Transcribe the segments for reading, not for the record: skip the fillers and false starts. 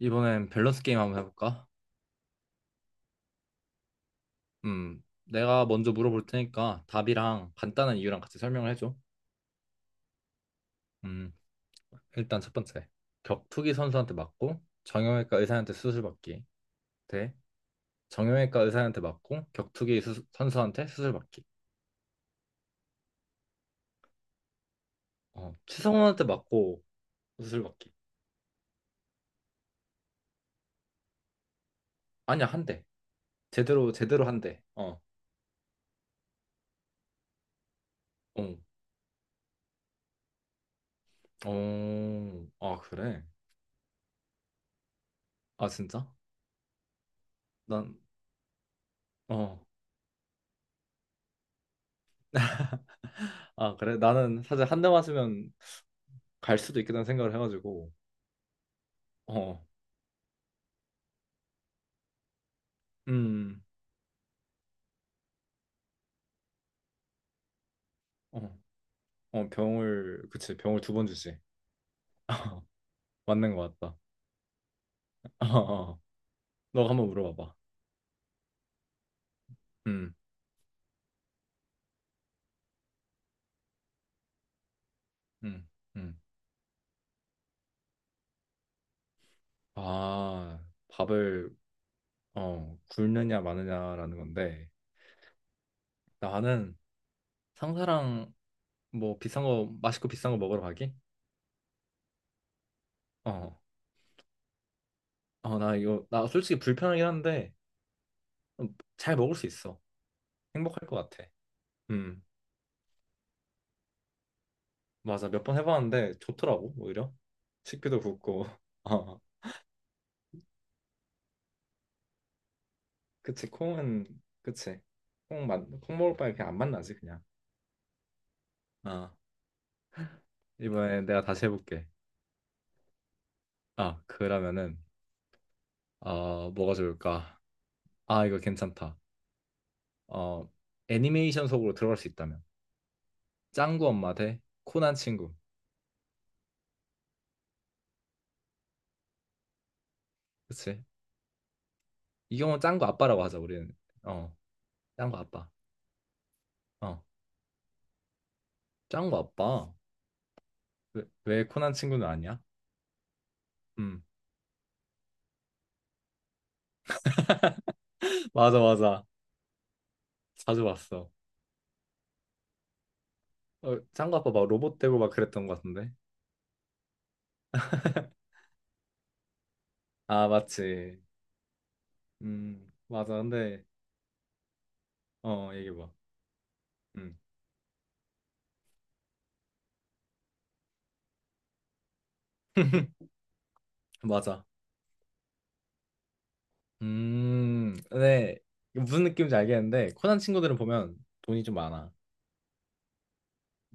이번엔 밸런스 게임 한번 해볼까? 내가 먼저 물어볼 테니까 답이랑 간단한 이유랑 같이 설명을 해줘. 음, 일단 첫 번째. 격투기 선수한테 맞고 정형외과 의사한테 수술받기. 대 정형외과 의사한테 맞고 격투기 선수한테 수술받기. 최성원한테 맞고 수술받기. 아니야, 한 대. 제대로 한 대. 어, 어, 어, 아, 그래? 아, 진짜? 난, 어. 아, 그래? 나는 사실 한 대 맞으면 갈 수도 있겠다는 생각을 해가지고 어. 음, 어, 어, 병을, 그치, 병을 두 번 주지. 맞는 것 같다. 어, 어. 너가 한번 물어봐봐. 음, 음, 음. 아, 밥을 굶느냐 마느냐라는 건데, 나는 상사랑 뭐 비싼 거, 맛있고 비싼 거 먹으러 가기? 어, 어, 나 이거, 나 솔직히 불편하긴 한데 잘 먹을 수 있어. 행복할 것 같아. 음. 맞아, 몇 번 해봤는데 좋더라고 오히려. 식비도 붓고. 어, 그치 콩은, 그치, 콩만콩 먹을 바에 그냥 안 만나지, 그냥. 아, 이번에 내가 다시 해볼게. 아, 그러면은 뭐가 좋을까. 아, 이거 괜찮다. 어, 애니메이션 속으로 들어갈 수 있다면 짱구 엄마 대 코난 친구. 그치, 이 경우 는 짱구 아빠라고 하자, 우리는. 어, 짱구 아빠. 어, 짱구 아빠. 왜, 왜 코난 친구는 아니야? 음. 맞아, 맞아. 자주 봤어. 어, 짱구 아빠 막 로봇 되고 막 그랬던 것 같은데. 아, 맞지. 맞아. 근데, 어, 얘기해봐. 음, 맞아. 근데 이 무슨 느낌인지 알겠는데, 코난 친구들은 보면 돈이 좀 많아.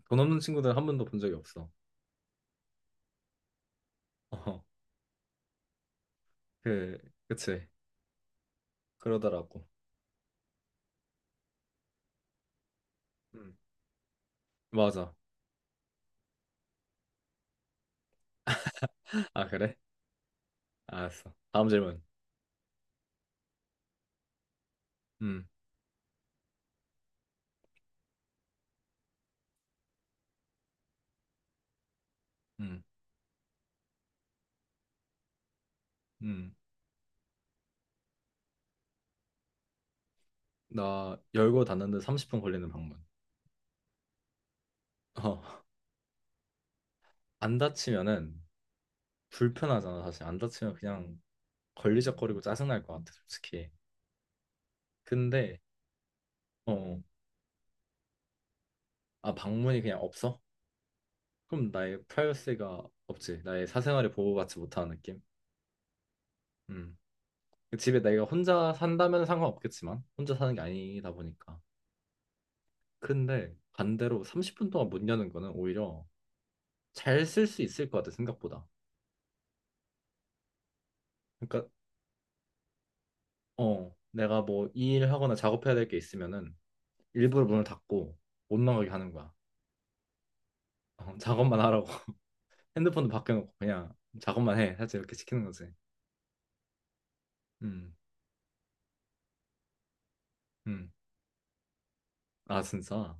돈 없는 친구들은 한 번도 본 적이 없어. 어, 그, 그치. 그러더라고. 음, 맞아. 아, 그래? 알았어. 다음 질문. 음, 음, 음. 나 열고 닫는데 30분 걸리는 방문. 어, 안 다치면은 불편하잖아, 사실. 안 다치면 그냥 걸리적거리고 짜증날 것 같아, 솔직히. 근데 어, 아, 방문이 그냥 없어? 그럼 나의 프라이버시가 없지. 나의 사생활이 보호받지 못하는 느낌. 음. 집에 내가 혼자 산다면 상관없겠지만 혼자 사는 게 아니다 보니까. 근데 반대로 30분 동안 못 여는 거는 오히려 잘 쓸 수 있을 것 같아, 생각보다. 그러니까 어, 내가 뭐 일 하거나 작업해야 될 게 있으면은 일부러 문을 닫고 못 나가게 하는 거야. 어, 작업만 하라고. 핸드폰도 밖에 놓고 그냥 작업만 해. 사실 이렇게 시키는 거지. 음, 음. 아, 진짜?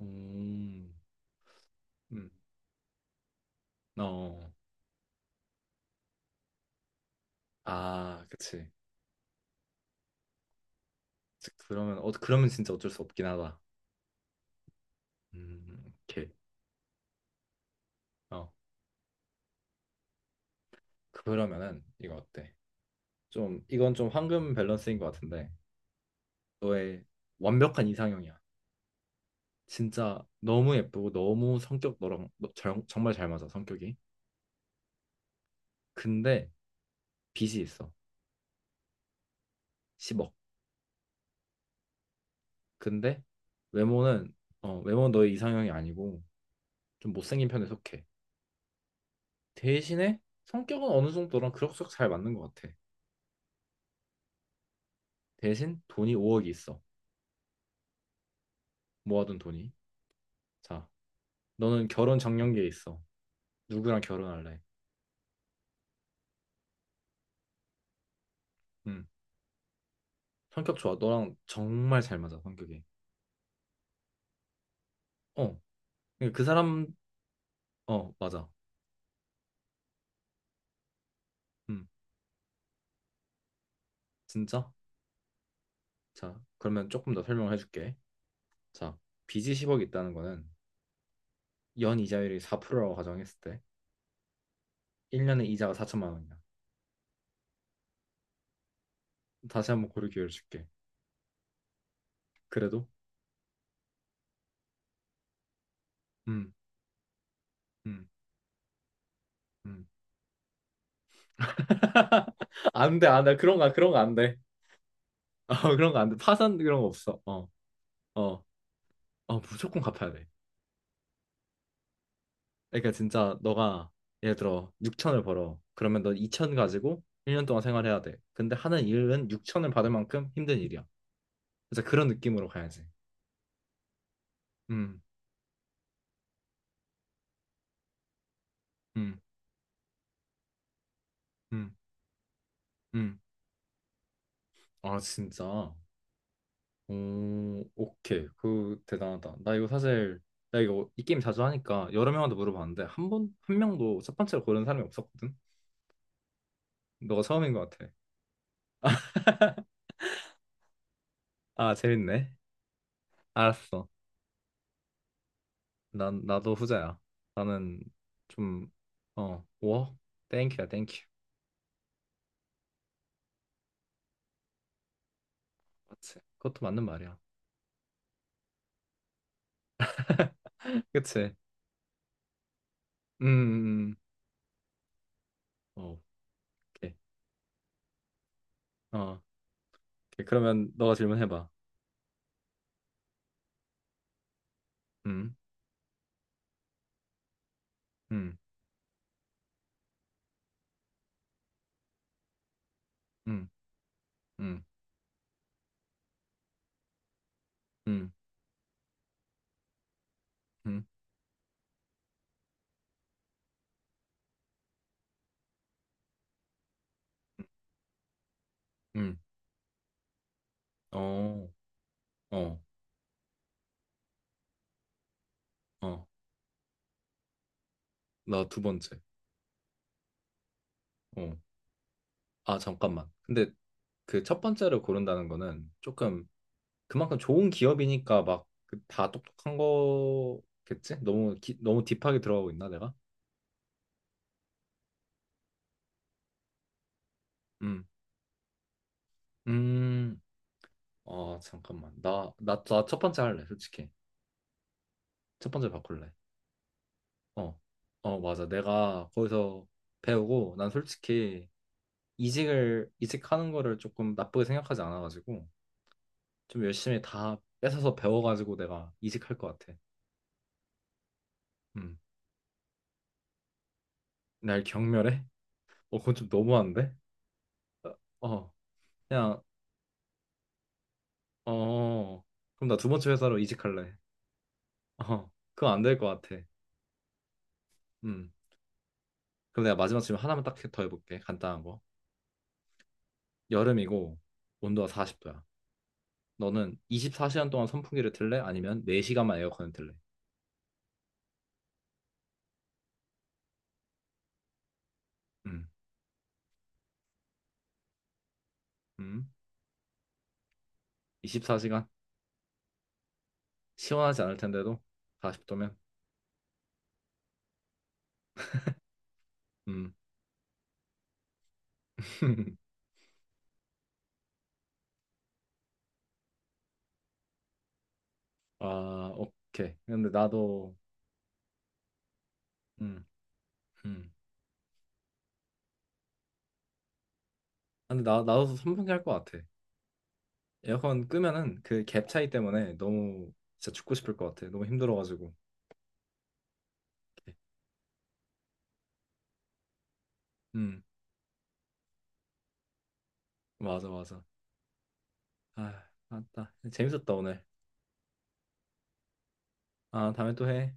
음, 음. 어. 아, 그치. 즉, 그러면, 어, 그러면 진짜 어쩔 수 없긴 하다. 오케이. 어, 그러면은, 이거 어때? 좀, 이건 좀 황금 밸런스인 것 같은데, 너의 완벽한 이상형이야. 진짜 너무 예쁘고, 너무 성격 너랑 너, 정, 정말 잘 맞아, 성격이. 근데, 빚이 있어. 10억. 근데, 외모는, 어, 외모는 너의 이상형이 아니고, 좀 못생긴 편에 속해. 대신에 성격은 어느 정도랑 그럭저럭 잘 맞는 것 같아. 대신 돈이 5억이 있어. 모아둔 돈이. 자, 너는 결혼 작년기에 있어. 누구랑 결혼할래? 응. 성격 좋아. 너랑 정말 잘 맞아, 성격이. 어. 그러니까 그 사람, 어, 맞아. 응. 진짜? 자, 그러면 조금 더 설명을 해줄게. 자, 빚이 10억 있다는 거는 연 이자율이 4%라고 가정했을 때 1년에 이자가 4천만 원이야. 다시 한번 고를 기회를 줄게. 그래도? 음, 음, 음. 안 돼, 안 돼. 그런 거, 그런 거 안 돼. 어, 그런 거 안 돼. 파산 그런 거 없어. 어, 어, 어, 무조건 갚아야 돼. 그러니까 진짜 너가 예를 들어 6천을 벌어. 그러면 너 2천 가지고 1년 동안 생활해야 돼. 근데 하는 일은 6천을 받을 만큼 힘든 일이야. 그래서 그런 느낌으로 가야지. 음, 음, 음, 음. 아, 진짜. 오, 오케이. 그 대단하다. 나 이거 사실 나 이거 이 게임 자주 하니까 여러 명한테 물어봤는데 한 명도 첫 번째로 고르는 사람이 없었거든. 너가 처음인 것 같아. 아, 재밌네. 알았어. 난, 나도 후자야. 나는 좀, 어, 워? 땡큐야, 땡큐. 그지, 그것도 맞는 말이야. 그치? 음, 음, 음. 어, 오케이. 어, 오케이. 그러면 너가 질문해봐. 음, 음, 음, 음, 음, 음, 음. 어, 어, 어. 나 두 번째. 어. 아, 잠깐만. 근데 그 첫 번째를 고른다는 거는 조금 그만큼 좋은 기업이니까 막 그 다 똑똑한 거겠지? 너무 기, 너무 딥하게 들어가고 있나 내가? 음. 음, 아, 잠깐만. 나, 나, 나 첫 번째 할래, 솔직히. 첫 번째 바꿀래. 어, 어, 맞아. 내가 거기서 배우고, 난 솔직히 이직을, 이직하는 거를 조금 나쁘게 생각하지 않아가지고, 좀 열심히 다 뺏어서 배워가지고 내가 이직할 것 같아. 음, 날 경멸해? 어, 그건 좀 너무한데? 어, 그냥, 어, 그럼 나 두 번째 회사로 이직할래. 어, 그건 안 될 것 같아. 음, 그럼 내가 마지막 질문 하나만 딱 더 해볼게. 간단한 거. 여름이고 온도가 40도야. 너는 24시간 동안 선풍기를 틀래? 아니면 4시간만 에어컨을 틀래? 음, 음. 24시간 시원하지 않을 텐데도 40도면 음. 아, 오케이. 근데 나도 음, 음. 근데 나, 나도 선풍기 할 것 같아. 에어컨 끄면은 그 갭 차이 때문에 너무 진짜 죽고 싶을 것 같아. 너무 힘들어가지고. 음, 맞아, 맞아. 아, 맞다. 재밌었다 오늘. 아, 다음에 또 해.